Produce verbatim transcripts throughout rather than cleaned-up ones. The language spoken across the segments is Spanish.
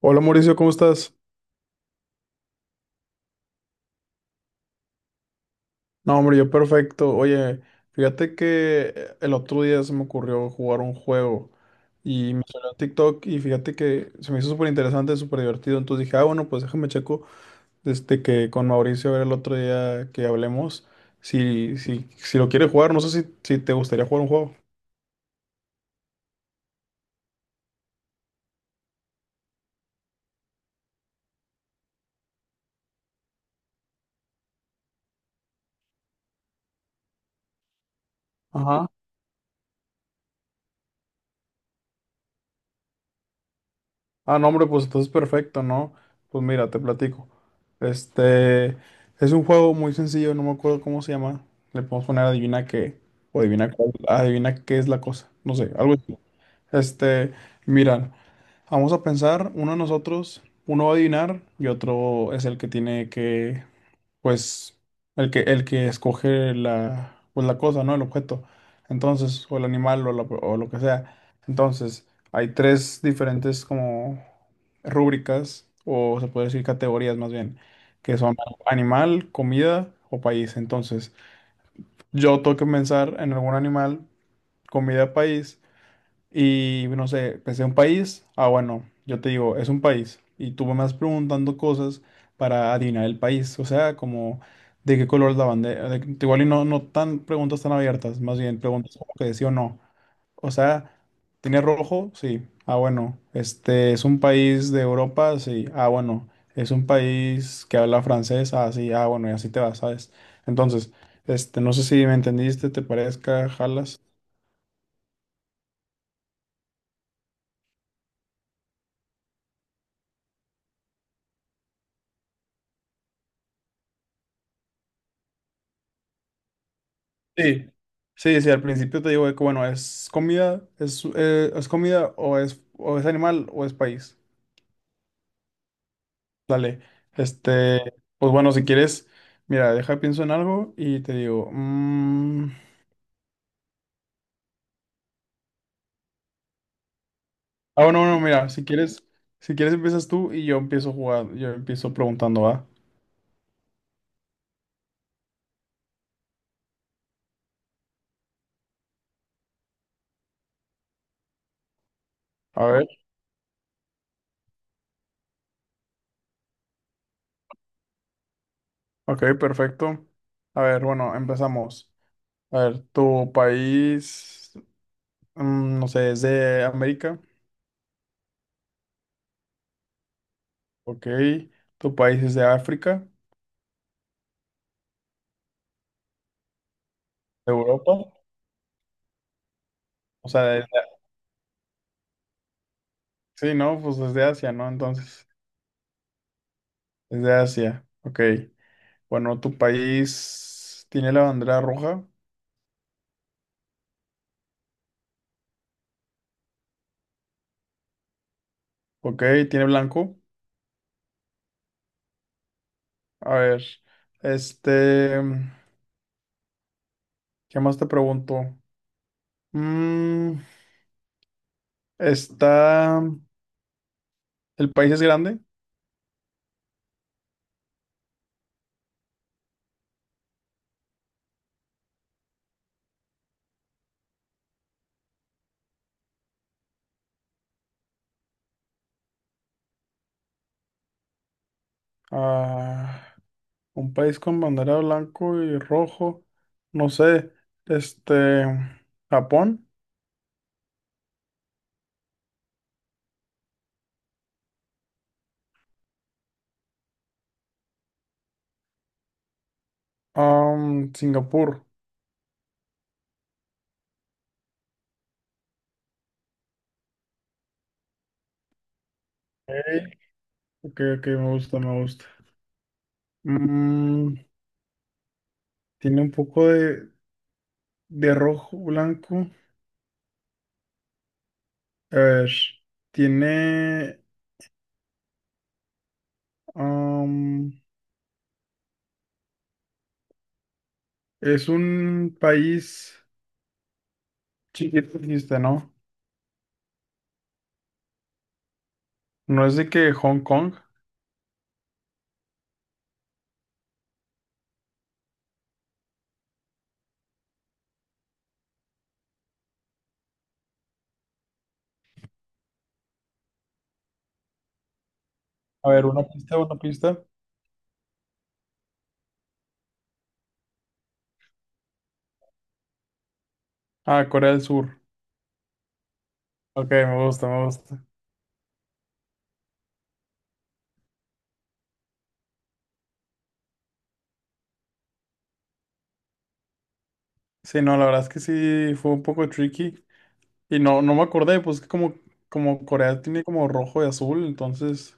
Hola Mauricio, ¿cómo estás? No, hombre, yo perfecto. Oye, fíjate que eh, el otro día se me ocurrió jugar un juego y me salió en TikTok y fíjate que se me hizo súper interesante, súper divertido. Entonces dije, ah, bueno, pues déjame checo desde que con Mauricio a ver el otro día que hablemos si, si, si lo quiere jugar. No sé si, si te gustaría jugar un juego. Ajá. Ah, no, hombre, pues entonces perfecto, ¿no? Pues mira, te platico. Este es un juego muy sencillo, no me acuerdo cómo se llama. Le podemos poner adivina qué, o adivina cuál, adivina qué es la cosa, no sé, algo así. Este, mira, vamos a pensar, uno de nosotros, uno va a adivinar y otro es el que tiene que pues el que, el que escoge la, pues la cosa, ¿no? El objeto. Entonces, o el animal o, la- o lo que sea. Entonces, hay tres diferentes como rúbricas, o se puede decir categorías más bien, que son animal, comida o país. Entonces, yo tengo que pensar en algún animal, comida, país. Y no sé, pensé un país. Ah, bueno, yo te digo, es un país. Y tú me vas preguntando cosas para adivinar el país. O sea, como de qué color es la bandera. De- igual y no, no tan preguntas tan abiertas, más bien preguntas como que de sí o no. O sea, ¿tiene rojo? Sí. Ah, bueno. Este es un país de Europa, sí. Ah, bueno. Es un país que habla francés. Ah, sí. Ah, bueno, y así te vas, ¿sabes? Entonces, este, no sé si me entendiste, te parezca, jalas. Sí, sí, sí, al principio te digo de que, bueno, es comida, es, eh, es comida o es, o es animal o es país. Dale, este, pues bueno, si quieres, mira, deja, pienso en algo y te digo, mm, ah, bueno, no, mira, si quieres, si quieres empiezas tú y yo empiezo jugando, yo empiezo preguntando, ¿va? A ver, ok, perfecto. A ver, bueno, empezamos. A ver, tu país, mm, no sé, es de América, ok, tu país es de África. ¿De Europa? O sea, desde- sí, ¿no? Pues desde Asia, ¿no? Entonces, desde Asia. Ok. Bueno, ¿tu país tiene la bandera roja? Ok, ¿tiene blanco? A ver, este, ¿qué más te pregunto? Mm, está, ¿el país es grande? Ah, un país con bandera blanco y rojo, no sé, este, Japón, ah, mm, Singapur. Ok, ok, ok, me gusta, me gusta. Mm, tiene un poco de, de rojo, blanco. A ver, tiene... Am, es un país chiquito, dijiste, ¿no? No es de que Hong Kong. A ver, una pista, una pista. Ah, Corea del Sur. Ok, me gusta, me gusta. Sí, no, la verdad es que sí fue un poco tricky. Y no, no me acordé, pues que como, como Corea tiene como rojo y azul, entonces...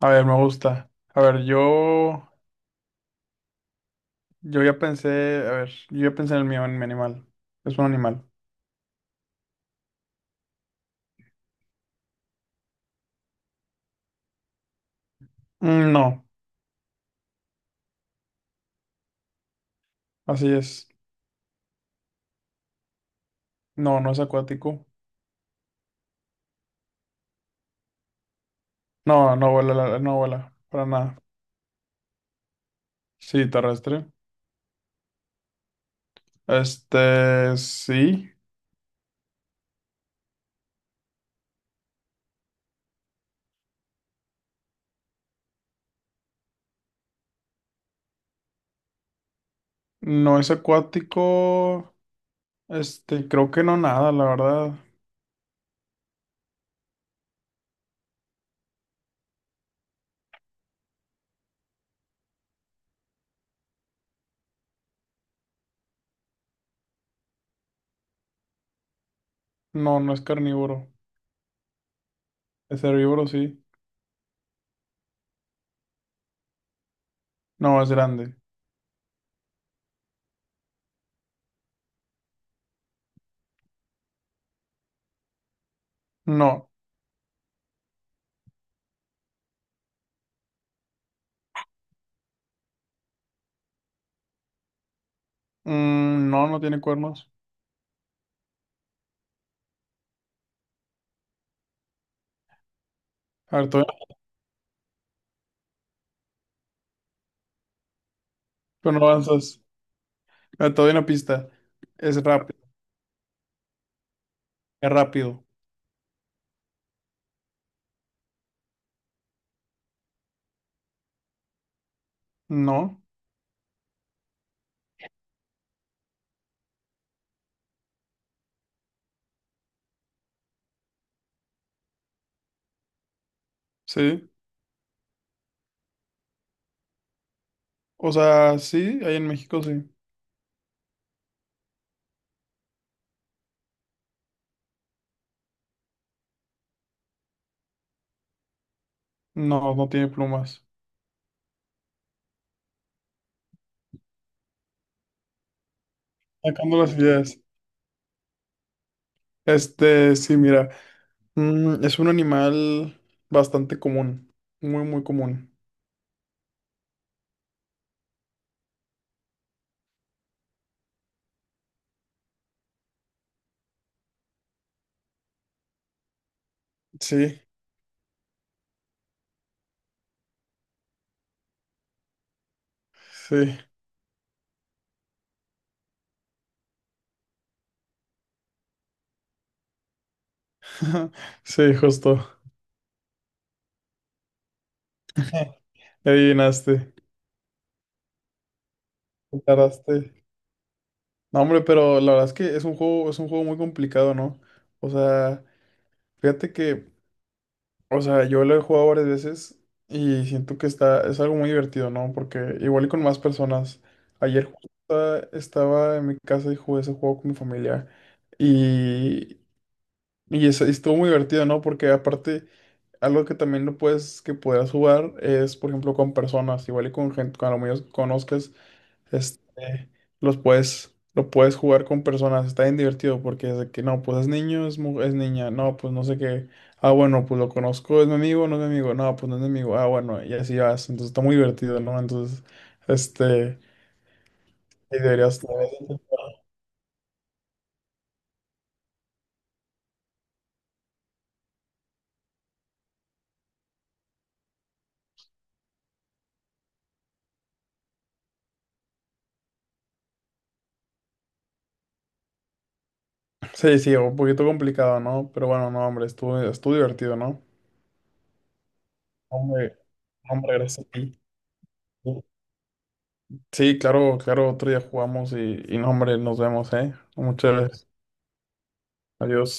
A ver, me gusta. A ver, yo... Yo ya pensé, a ver, yo ya pensé en el mío, en mi animal. Es un animal. Mm, no, así es. No, no es acuático. No, no vuela, la- no vuela, para nada. Sí, terrestre. Este, sí, no es acuático. Este, creo que no nada, la verdad. No, no es carnívoro. Es herbívoro, sí. No, es grande. No, mm, no, no tiene cuernos. A ver, todavía, pero no avanzas. A ver, todavía una pista. Es rápido, es rápido. No, sí. O sea, sí, ahí en México sí. No, no tiene plumas. Sacando las ideas. Este, sí, mira. Mm, es un animal bastante común. Muy, muy común. Sí, sí. Sí, justo. Le adivinaste. Le tardaste. No, hombre, pero la verdad es que es un juego, es un juego muy complicado, ¿no? O sea, fíjate que O sea, yo lo he jugado varias veces y siento que está, es algo muy divertido, ¿no? Porque igual y con más personas. Ayer justo estaba en mi casa y jugué ese juego con mi familia. y y es- estuvo muy divertido, ¿no? Porque aparte, algo que también no puedes, que puedas jugar es, por ejemplo, con personas, igual y con gente, con lo que conozcas, este, los puedes, lo puedes jugar con personas, está bien divertido porque es de que, no, pues es niño, es, mu- es niña, no, pues no sé qué, ah, bueno, pues lo conozco, es mi amigo, no es mi amigo, no, pues no es mi amigo, ah, bueno, y así vas, entonces está muy divertido, ¿no? Entonces, este, y deberías... Sí, sí, un poquito complicado, ¿no? Pero bueno, no, hombre, estuvo, estuvo divertido, ¿no? No, hombre, no, hombre, gracias a ti. Sí, claro, claro, otro día jugamos y, y no, hombre, nos vemos, ¿eh? Muchas gracias. Adiós.